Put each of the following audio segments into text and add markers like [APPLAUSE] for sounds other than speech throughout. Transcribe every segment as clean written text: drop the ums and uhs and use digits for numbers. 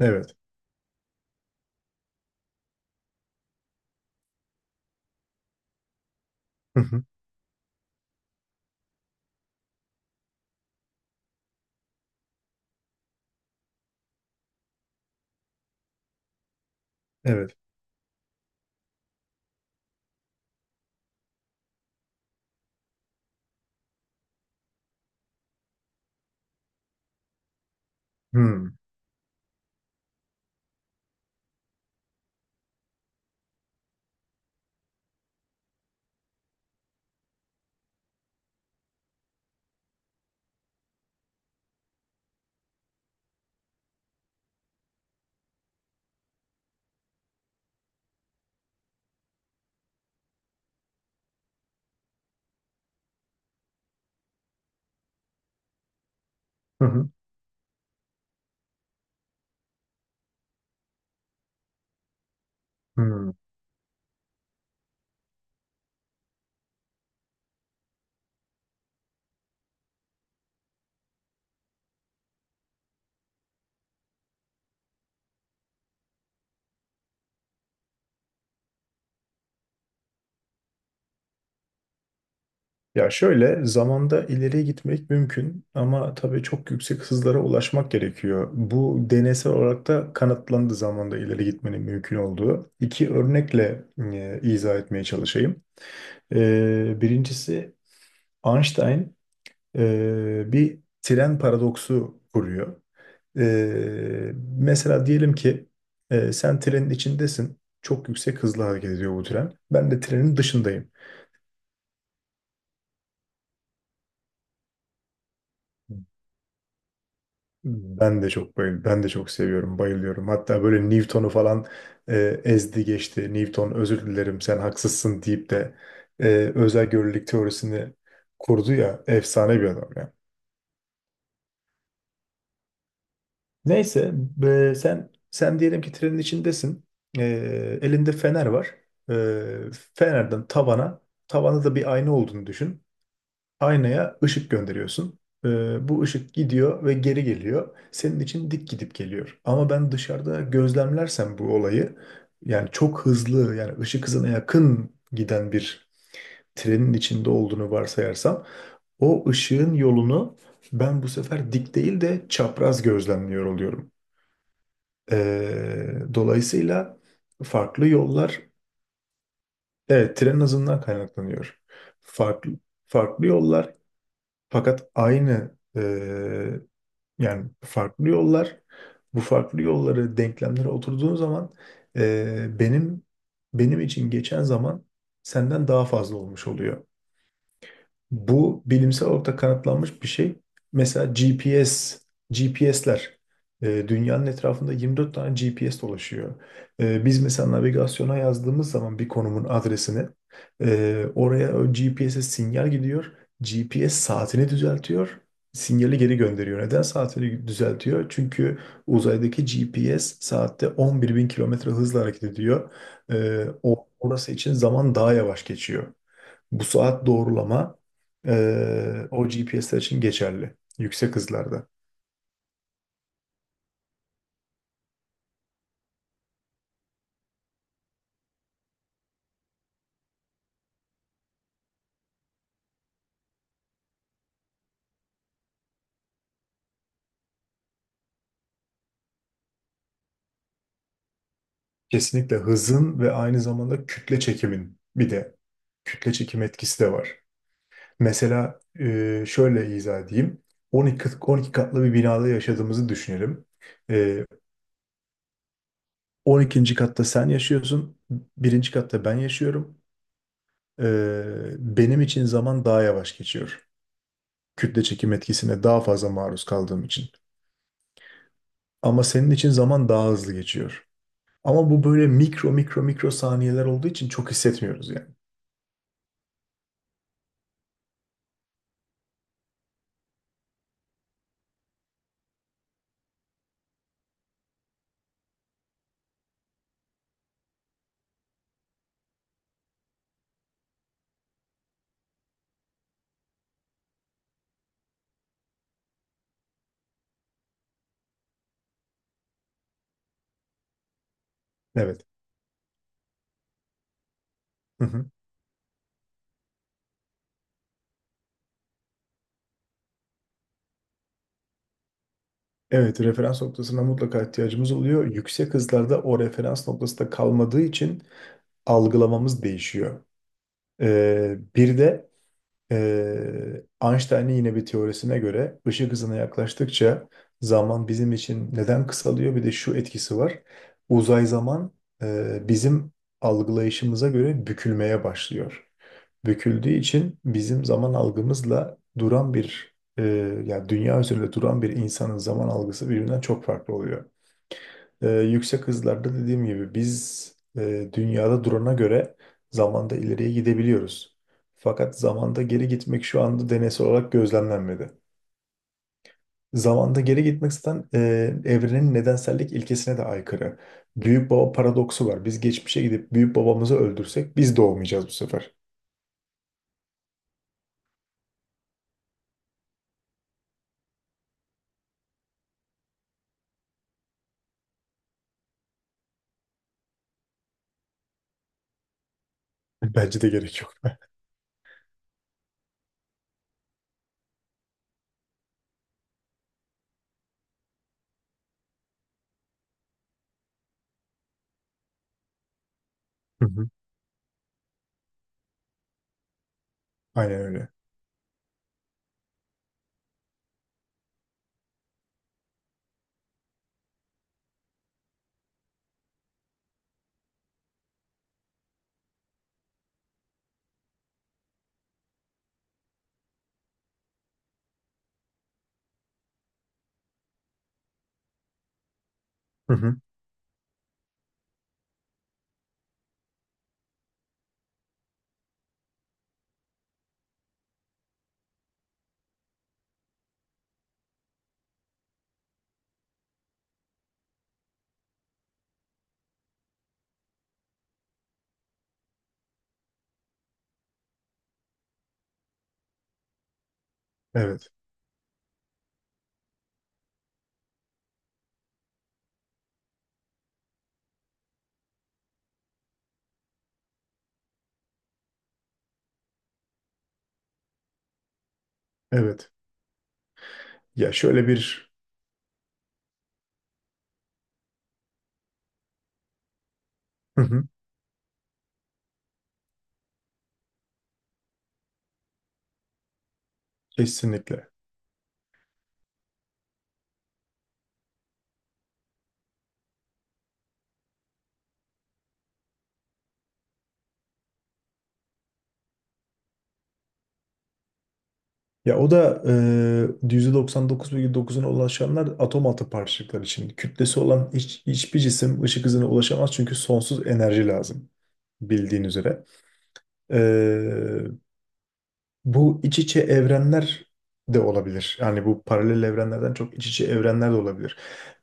Evet. Hı hı. Evet. Hmm. Hı hı. Hmm. Ya şöyle, zamanda ileriye gitmek mümkün ama tabii çok yüksek hızlara ulaşmak gerekiyor. Bu deneysel olarak da kanıtlandı zamanda ileri gitmenin mümkün olduğu. İki örnekle izah etmeye çalışayım. Birincisi Einstein bir tren paradoksu kuruyor. E, Mesela diyelim ki sen trenin içindesin. Çok yüksek hızla hareket ediyor bu tren. Ben de trenin dışındayım. Ben de çok seviyorum, bayılıyorum. Hatta böyle Newton'u falan ezdi geçti. Newton, özür dilerim sen haksızsın deyip de e, özel görelilik teorisini kurdu ya, efsane bir adam ya. Neyse, sen diyelim ki trenin içindesin. E, Elinde fener var. Fenerden tavana, tavanda da bir ayna olduğunu düşün. Aynaya ışık gönderiyorsun. Bu ışık gidiyor ve geri geliyor. Senin için dik gidip geliyor. Ama ben dışarıda gözlemlersem bu olayı, yani çok hızlı, yani ışık hızına yakın giden bir trenin içinde olduğunu varsayarsam, o ışığın yolunu ben bu sefer dik değil de çapraz gözlemliyor oluyorum. Dolayısıyla farklı yollar, evet, tren hızından kaynaklanıyor. Farklı farklı yollar, fakat aynı yani farklı yollar, bu farklı yolları denklemlere oturduğun zaman ee, benim benim için geçen zaman senden daha fazla olmuş oluyor. Bu bilimsel olarak da kanıtlanmış bir şey. Mesela GPS, GPS'ler, dünyanın etrafında 24 tane GPS dolaşıyor. Biz mesela navigasyona yazdığımız zaman bir konumun adresini, oraya o GPS'e sinyal gidiyor. GPS saatini düzeltiyor. Sinyali geri gönderiyor. Neden saatini düzeltiyor? Çünkü uzaydaki GPS saatte 11.000 kilometre hızla hareket ediyor. Orası için zaman daha yavaş geçiyor. Bu saat doğrulama, o GPS'ler için geçerli. Yüksek hızlarda. Kesinlikle hızın ve aynı zamanda kütle çekimin, bir de kütle çekim etkisi de var. Mesela şöyle izah edeyim. 12, 12 katlı bir binada yaşadığımızı düşünelim. E, 12. katta sen yaşıyorsun, birinci katta ben yaşıyorum. E, Benim için zaman daha yavaş geçiyor, kütle çekim etkisine daha fazla maruz kaldığım için. Ama senin için zaman daha hızlı geçiyor. Ama bu böyle mikro mikro mikro saniyeler olduğu için çok hissetmiyoruz yani. Evet. Hı hı. Evet, referans noktasına mutlaka ihtiyacımız oluyor. Yüksek hızlarda o referans noktasında kalmadığı için algılamamız değişiyor. Bir de Einstein'ın yine bir teorisine göre, ışık hızına yaklaştıkça zaman bizim için neden kısalıyor? Bir de şu etkisi var. Uzay zaman bizim algılayışımıza göre bükülmeye başlıyor. Büküldüğü için bizim zaman algımızla duran bir yani dünya üzerinde duran bir insanın zaman algısı birbirinden çok farklı oluyor. Yüksek hızlarda dediğim gibi biz dünyada durana göre zamanda ileriye gidebiliyoruz. Fakat zamanda geri gitmek şu anda deneysel olarak gözlemlenmedi. Zamanda geri gitmek zaten evrenin nedensellik ilkesine de aykırı. Büyük baba paradoksu var. Biz geçmişe gidip büyük babamızı öldürsek biz doğmayacağız bu sefer. Bence de gerek yok. Hı hı. Aynen öyle. Hı hı. Evet. Evet. Ya şöyle bir... Hı hı. Kesinlikle. Ya o da %99,9'una ulaşanlar atom altı parçacıklar için. Kütlesi olan hiçbir cisim ışık hızına ulaşamaz çünkü sonsuz enerji lazım, bildiğin üzere. E, Bu iç içe evrenler de olabilir. Yani bu paralel evrenlerden çok, iç içe evrenler de olabilir.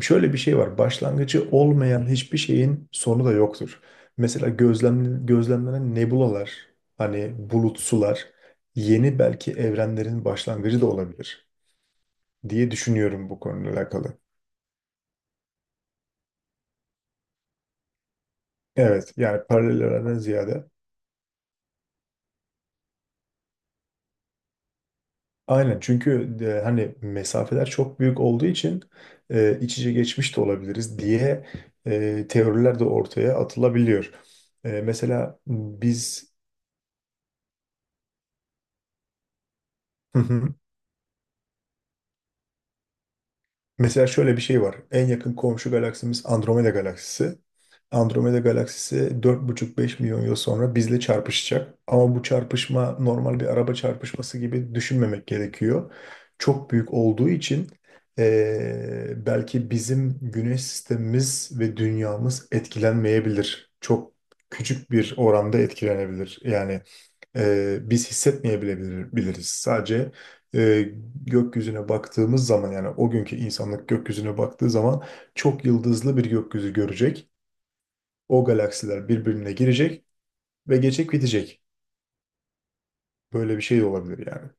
Şöyle bir şey var: başlangıcı olmayan hiçbir şeyin sonu da yoktur. Mesela gözlemlenen nebulalar, hani bulut sular, yeni belki evrenlerin başlangıcı da olabilir diye düşünüyorum bu konuyla alakalı. Evet, yani paralel evrenden ziyade. Aynen, çünkü hani mesafeler çok büyük olduğu için iç içe geçmiş de olabiliriz diye teoriler de ortaya atılabiliyor. Mesela biz [LAUGHS] mesela şöyle bir şey var. En yakın komşu galaksimiz Andromeda galaksisi. Andromeda galaksisi 4,5, 5 milyon yıl sonra bizle çarpışacak. Ama bu çarpışma normal bir araba çarpışması gibi düşünmemek gerekiyor. Çok büyük olduğu için belki bizim güneş sistemimiz ve dünyamız etkilenmeyebilir. Çok küçük bir oranda etkilenebilir. Yani biz hissetmeyebilir biliriz. Sadece e, gökyüzüne baktığımız zaman, yani o günkü insanlık gökyüzüne baktığı zaman çok yıldızlı bir gökyüzü görecek. O galaksiler birbirine girecek ve geçecek, bitecek. Böyle bir şey de olabilir yani.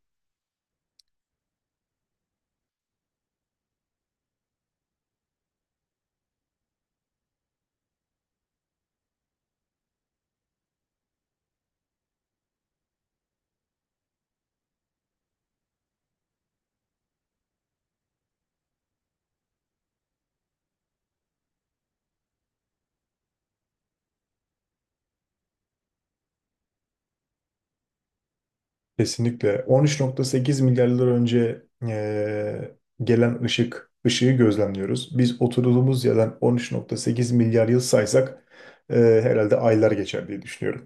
Kesinlikle. 13,8 milyar yıl önce gelen ışık, ışığı gözlemliyoruz. Biz oturduğumuz yerden 13,8 milyar yıl saysak herhalde aylar geçer diye düşünüyorum.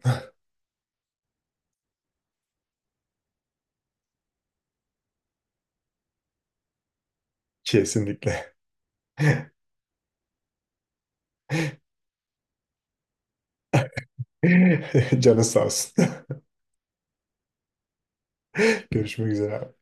[LAUGHS] Kesinlikle. [LAUGHS] Canın sağ olsun. [LAUGHS] Görüşmek üzere abi.